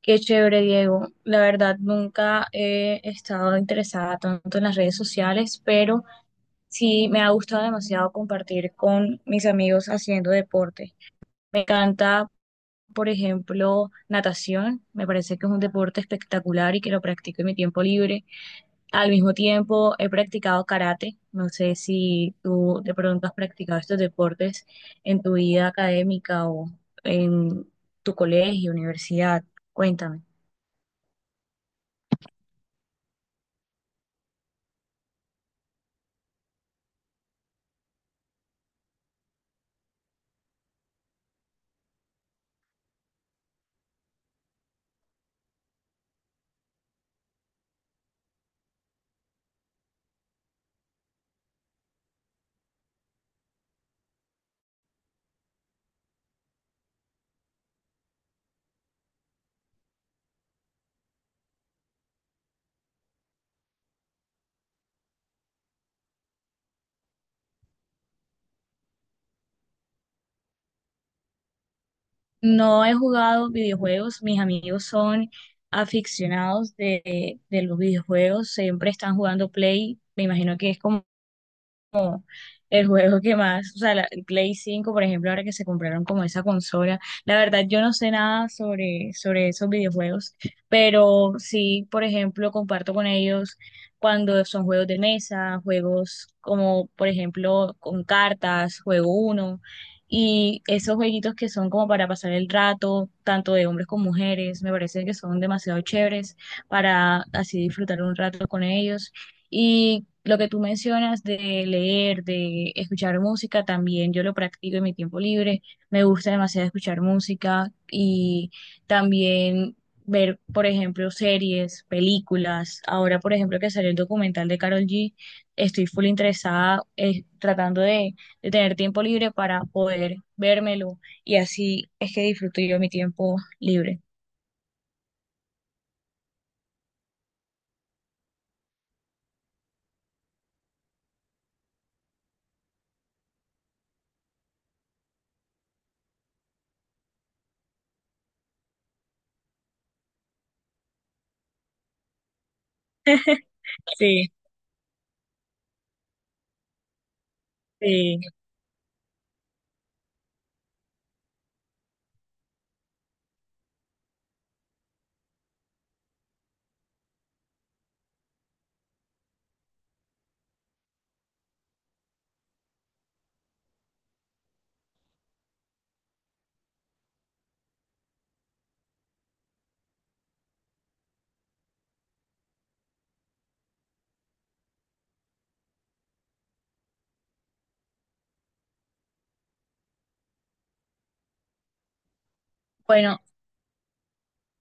Qué chévere, Diego. La verdad, nunca he estado interesada tanto en las redes sociales, pero sí me ha gustado demasiado compartir con mis amigos haciendo deporte. Me encanta, por ejemplo, natación. Me parece que es un deporte espectacular y que lo practico en mi tiempo libre. Al mismo tiempo, he practicado karate. No sé si tú de pronto has practicado estos deportes en tu vida académica o en tu colegio, universidad. Cuéntame. No he jugado videojuegos, mis amigos son aficionados de los videojuegos, siempre están jugando Play, me imagino que es como el juego que más, o sea, el Play 5, por ejemplo, ahora que se compraron como esa consola, la verdad yo no sé nada sobre esos videojuegos, pero sí, por ejemplo, comparto con ellos cuando son juegos de mesa, juegos como, por ejemplo, con cartas, juego uno, y esos jueguitos que son como para pasar el rato, tanto de hombres como mujeres, me parece que son demasiado chéveres para así disfrutar un rato con ellos. Y lo que tú mencionas de leer, de escuchar música, también yo lo practico en mi tiempo libre. Me gusta demasiado escuchar música y también ver, por ejemplo, series, películas. Ahora, por ejemplo, que salió el documental de Carol G, estoy full interesada, tratando de tener tiempo libre para poder vérmelo y así es que disfruto yo mi tiempo libre. Sí, sí. Bueno,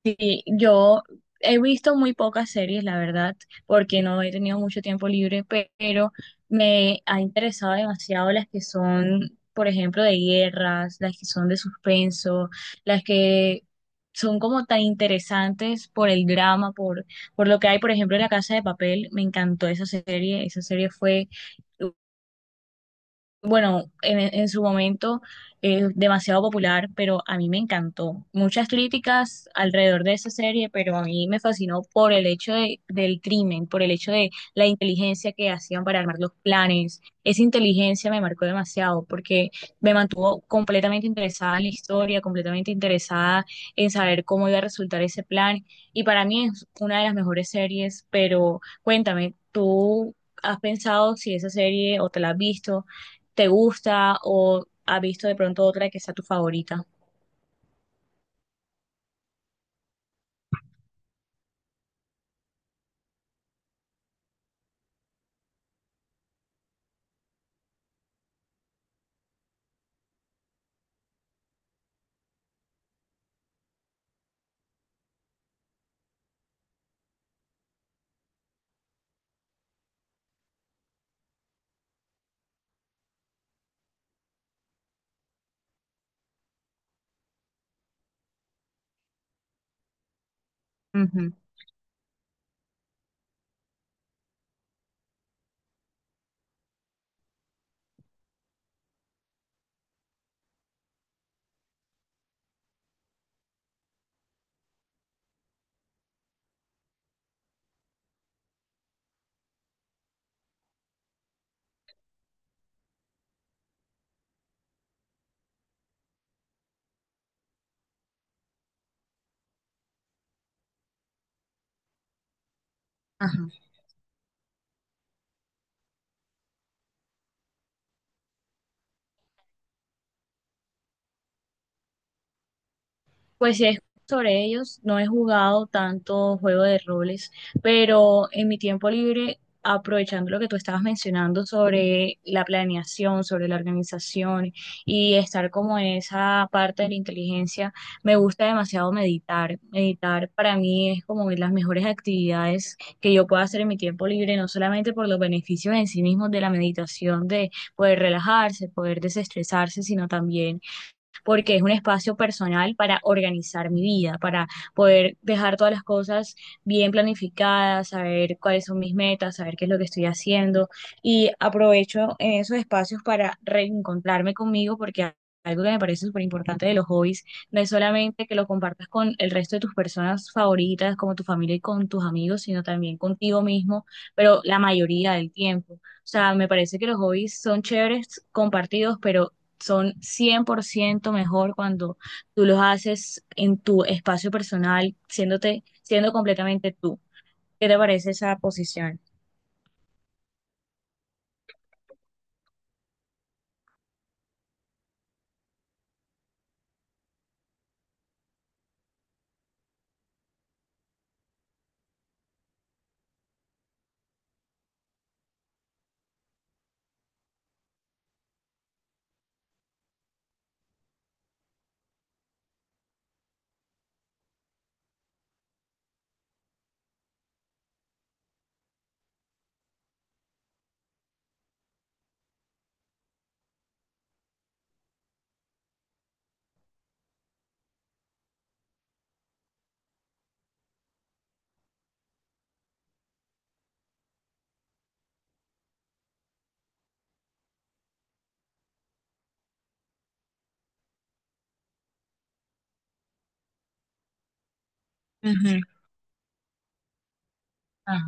sí, yo he visto muy pocas series, la verdad, porque no he tenido mucho tiempo libre, pero me ha interesado demasiado las que son, por ejemplo, de guerras, las que son de suspenso, las que son como tan interesantes por el drama, por lo que hay, por ejemplo, en La Casa de Papel. Me encantó esa serie fue bueno, en su momento es demasiado popular, pero a mí me encantó. Muchas críticas alrededor de esa serie, pero a mí me fascinó por el hecho del crimen, por el hecho de la inteligencia que hacían para armar los planes. Esa inteligencia me marcó demasiado porque me mantuvo completamente interesada en la historia, completamente interesada en saber cómo iba a resultar ese plan. Y para mí es una de las mejores series, pero cuéntame, ¿tú has pensado si esa serie o te la has visto? Te gusta o has visto de pronto otra que sea tu favorita. Ujú. Ajá. Pues sí, sobre ellos no he jugado tanto juego de roles, pero en mi tiempo libre, aprovechando lo que tú estabas mencionando sobre la planeación, sobre la organización y estar como en esa parte de la inteligencia, me gusta demasiado meditar. Meditar para mí es como de las mejores actividades que yo puedo hacer en mi tiempo libre, no solamente por los beneficios en sí mismos de la meditación, de poder relajarse, poder desestresarse, sino también porque es un espacio personal para organizar mi vida, para poder dejar todas las cosas bien planificadas, saber cuáles son mis metas, saber qué es lo que estoy haciendo y aprovecho en esos espacios para reencontrarme conmigo porque algo que me parece súper importante de los hobbies no es solamente que lo compartas con el resto de tus personas favoritas, como tu familia y con tus amigos, sino también contigo mismo, pero la mayoría del tiempo. O sea, me parece que los hobbies son chéveres compartidos, pero son 100% mejor cuando tú los haces en tu espacio personal, siendo completamente tú. ¿Qué te parece esa posición? Ujú. Ajá.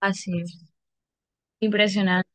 Así es. Impresionante.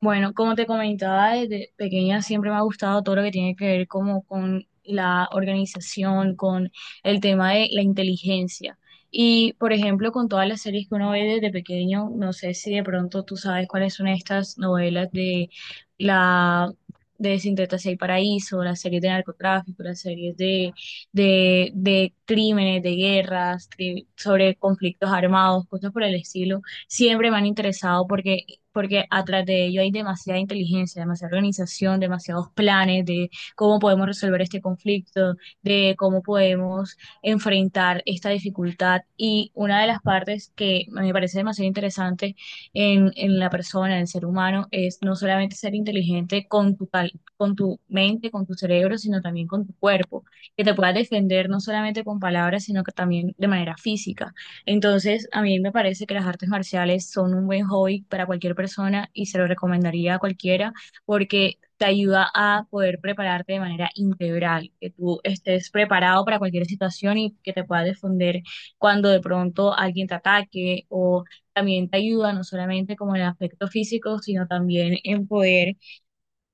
Bueno, como te comentaba, desde pequeña siempre me ha gustado todo lo que tiene que ver como con la organización, con el tema de la inteligencia. Y, por ejemplo, con todas las series que uno ve desde pequeño, no sé si de pronto tú sabes cuáles son estas novelas de la de Sin Tetas y Paraíso, las series de narcotráfico, las series de crímenes, de guerras, sobre conflictos armados, cosas por el estilo siempre me han interesado porque atrás de ello hay demasiada inteligencia, demasiada organización, demasiados planes de cómo podemos resolver este conflicto, de cómo podemos enfrentar esta dificultad. Y una de las partes que me parece demasiado interesante en la persona, en el ser humano, es no solamente ser inteligente con tu mente, con tu cerebro, sino también con tu cuerpo, que te puedas defender no solamente con palabras, sino que también de manera física. Entonces, a mí me parece que las artes marciales son un buen hobby para cualquier persona y se lo recomendaría a cualquiera porque te ayuda a poder prepararte de manera integral, que tú estés preparado para cualquier situación y que te puedas defender cuando de pronto alguien te ataque o también te ayuda no solamente como en el aspecto físico, sino también en poder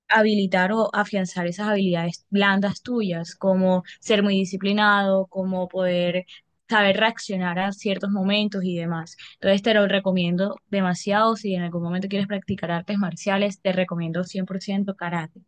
habilitar o afianzar esas habilidades blandas tuyas, como ser muy disciplinado, como poder saber reaccionar a ciertos momentos y demás. Entonces te lo recomiendo demasiado. Si en algún momento quieres practicar artes marciales, te recomiendo 100% karate.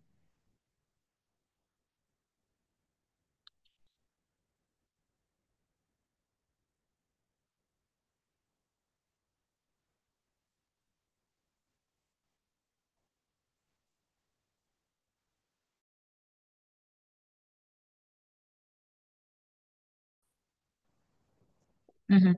Ujú.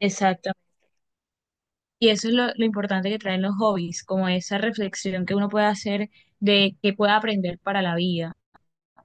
Exacto. Y eso es lo importante que traen los hobbies, como esa reflexión que uno puede hacer de qué puede aprender para la vida.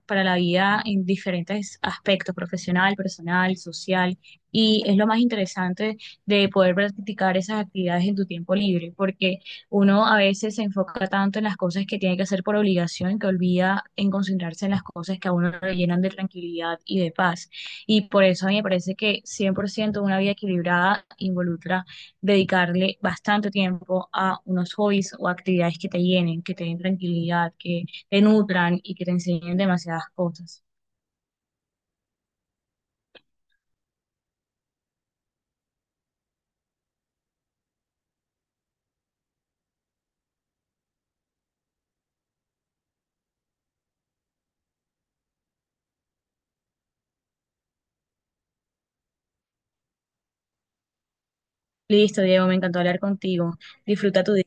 En diferentes aspectos, profesional, personal, social, y es lo más interesante de poder practicar esas actividades en tu tiempo libre, porque uno a veces se enfoca tanto en las cosas que tiene que hacer por obligación que olvida en concentrarse en las cosas que a uno le llenan de tranquilidad y de paz. Y por eso a mí me parece que 100% una vida equilibrada involucra dedicarle bastante tiempo a unos hobbies o actividades que te llenen, que te den tranquilidad, que te nutran y que te enseñen demasiadas cosas. Listo, Diego, me encantó hablar contigo. Disfruta tu día.